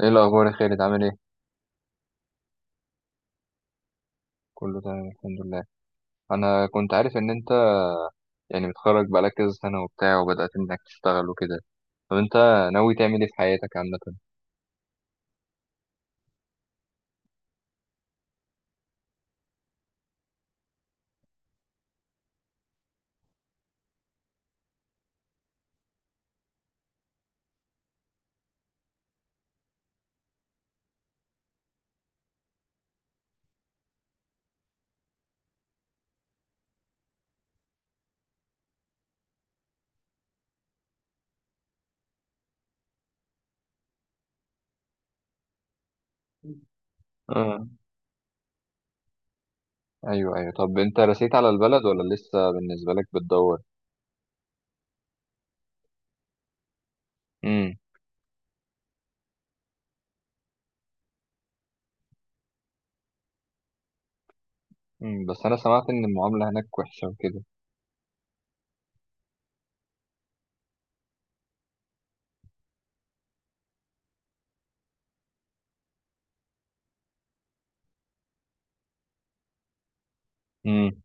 ايه الاخبار يا خالد، عامل ايه؟ كله تمام، الحمد لله. انا كنت عارف ان انت يعني متخرج بقالك كذا سنه وبتاع وبدات انك تشتغل وكده. طب انت ناوي تعمل ايه في حياتك عامه؟ اه. ايوه، ايوه، طب انت رسيت على البلد ولا لسه بالنسبه لك بتدور؟ امم أمم، بس انا سمعت ان المعامله هناك وحشه وكده. امم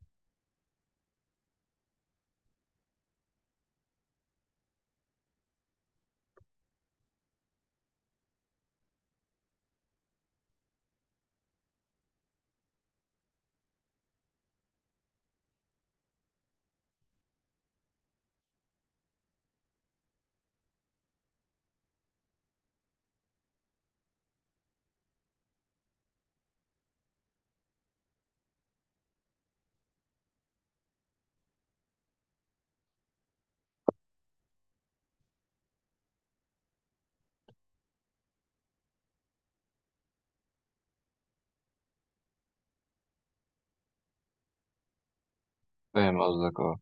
فاهم قصدك، اه.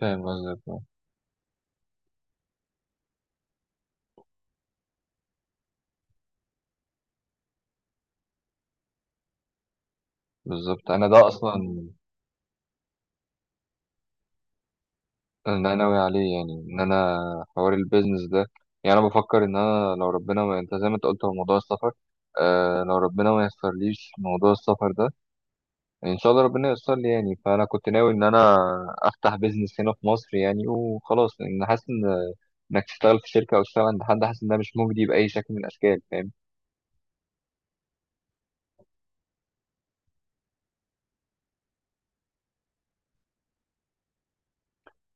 فاهم قصدك، اه. بالظبط، انا ده اصلا. انا ناوي عليه يعني ان انا حوار البيزنس ده. يعني انا بفكر ان انا لو ربنا، ما انت زي ما انت قلت، هو موضوع السفر، لو ربنا ما يسرليش موضوع السفر ده، ان شاء الله ربنا ييسر لي يعني. فانا كنت ناوي ان انا افتح بيزنس هنا في مصر يعني وخلاص، لان حاسس ان انك تشتغل في شركه او تشتغل عند حد، حاسس ان ده مش مجدي باي شكل من الاشكال، فاهم؟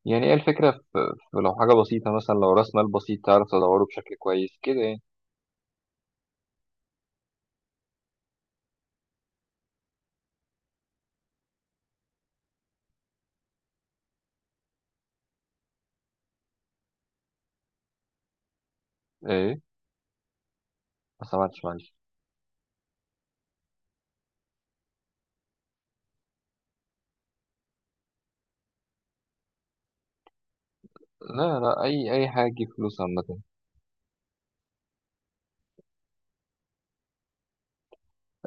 يعني ايه الفكره في لو حاجه بسيطه، مثلا لو راس مال بسيط تعرف تدوره بشكل كويس كده يعني. ايه؟ ما سمعتش، معلش. لا لا، اي حاجه تجيب فلوس عامه.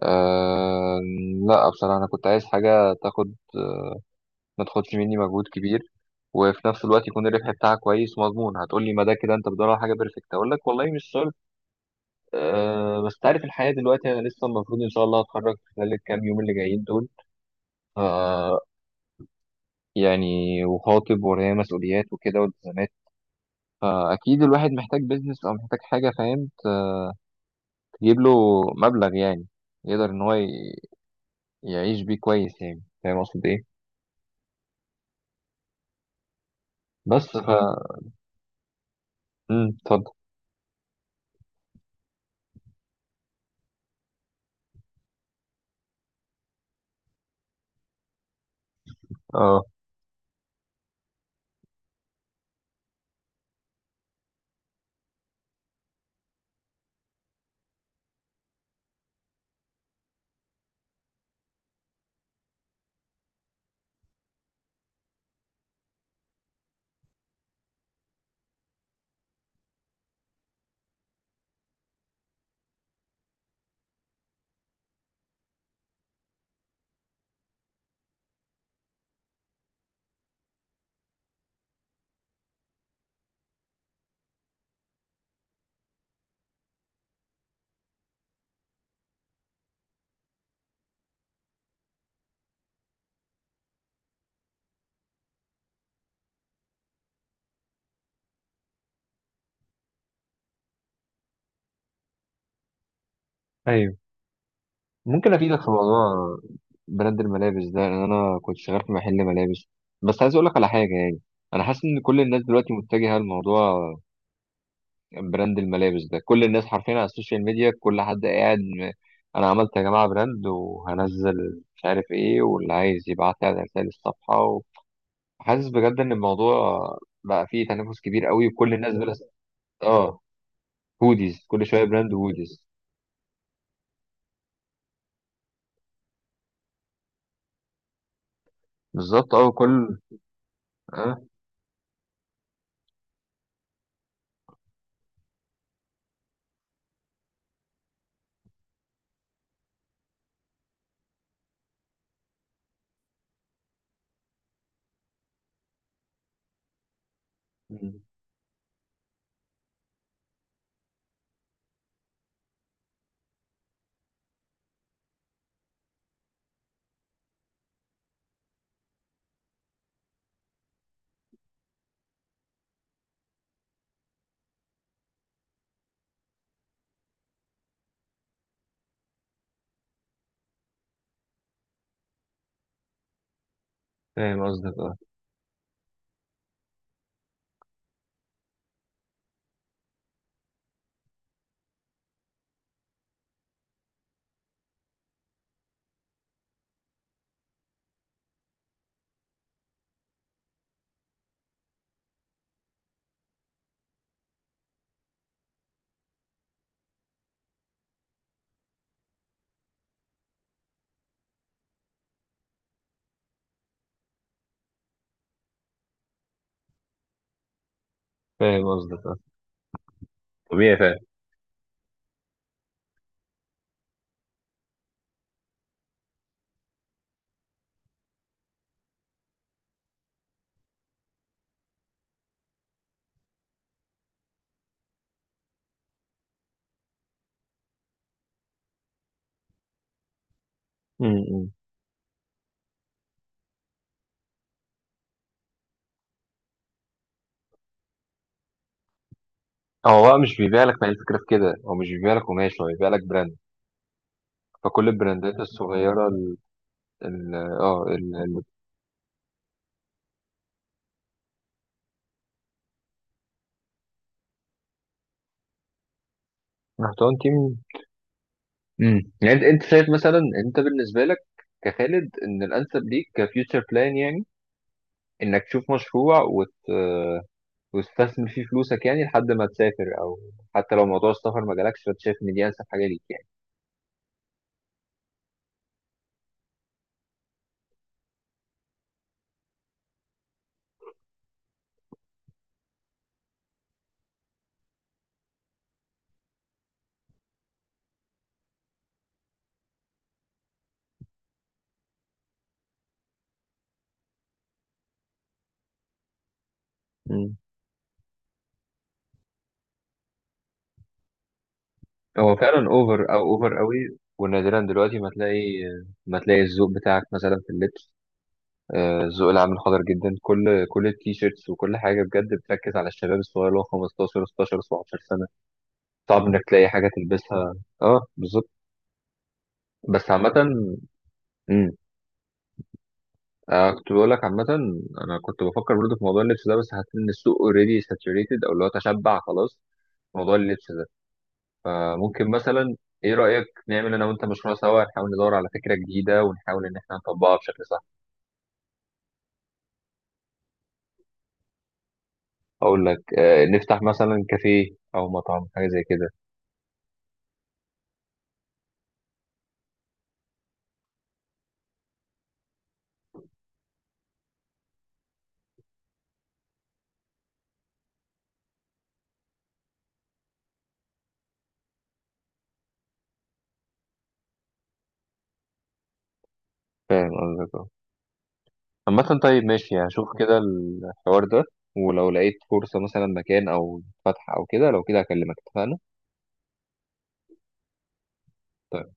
أه. لا بصراحة، أنا كنت عايز حاجة تاخد، ما تاخدش مني مجهود كبير، وفي نفس الوقت يكون الربح بتاعها كويس ومضمون. هتقولي ما ده كده أنت بتدور على حاجة بيرفكت، أقول لك والله مش شرط. أه، بس تعرف الحياة دلوقتي، أنا لسه المفروض إن شاء الله هتخرج خلال الكام يوم اللي جايين دول. أه. يعني وخاطب ورايا مسؤوليات وكده والتزامات، فأكيد الواحد محتاج بيزنس أو محتاج حاجة، فاهم؟ تجيب له مبلغ يعني، يقدر إن هو يعيش بيه كويس، يعني فاهم أقصد إيه. بس. اتفضل. اه، ايوه. ممكن افيدك في موضوع براند الملابس ده، لان انا كنت شغال في محل ملابس. بس عايز اقول لك على حاجه يعني، انا حاسس ان كل الناس دلوقتي متجهه لموضوع براند الملابس ده. كل الناس حرفيا على السوشيال ميديا، كل حد قاعد. انا عملت يا جماعه براند وهنزل، مش عارف ايه، واللي عايز يبعت لي على رسائل الصفحه. وحاسس بجد ان الموضوع بقى فيه تنافس كبير قوي، وكل الناس بلا. اه، هوديز، كل شويه براند هوديز. بالظبط، اه، اه، فاهم قصدك، اه. فاهم قصدك، اه. طبيعي فعلا. أمم. هو بقى مش بيبيع لك، ما هي الفكرة في كده، هو مش بيبيع لك قماش، هو بيبيع لك براند. فكل البراندات الصغيرة ال- اه ال- ال- محتوى تيم. يعني انت شايف مثلا، انت بالنسبه لك كخالد، ان الانسب ليك كفيوتشر بلان يعني، انك تشوف مشروع وتستثمر فيه فلوسك يعني، لحد ما تسافر، او حتى لو موضوع السفر ما جالكش، فانت شايف ان دي انسب حاجه ليك يعني. هو فعلا اوفر، او اوفر قوي، ونادرا دلوقتي ما تلاقي، ما تلاقي الذوق بتاعك مثلا في اللبس. الذوق العام حاضر جدا، كل التيشيرتس وكل حاجه بجد بتركز على الشباب الصغير اللي هو 15 16 17 سنه. صعب انك تلاقي حاجه تلبسها. اه، بالظبط. بس عامه. امم كنت بقول لك عامه، انا كنت بفكر برضه في موضوع اللبس ده، بس حسيت ان السوق اوريدي ساتوريتد، او اللي هو تشبع خلاص موضوع اللبس ده. فممكن مثلا، ايه رأيك نعمل انا وانت مشروع سوا، نحاول ندور على فكرة جديدة ونحاول ان احنا نطبقها بشكل صح. اقول لك، نفتح مثلا كافيه او مطعم، حاجة زي كده. فاهم قصدك، اه. عامة، طيب ماشي، هشوف كده الحوار ده. ولو لقيت فرصة مثلا مكان او فتح او كده، لو كده هكلمك، اتفقنا. طيب.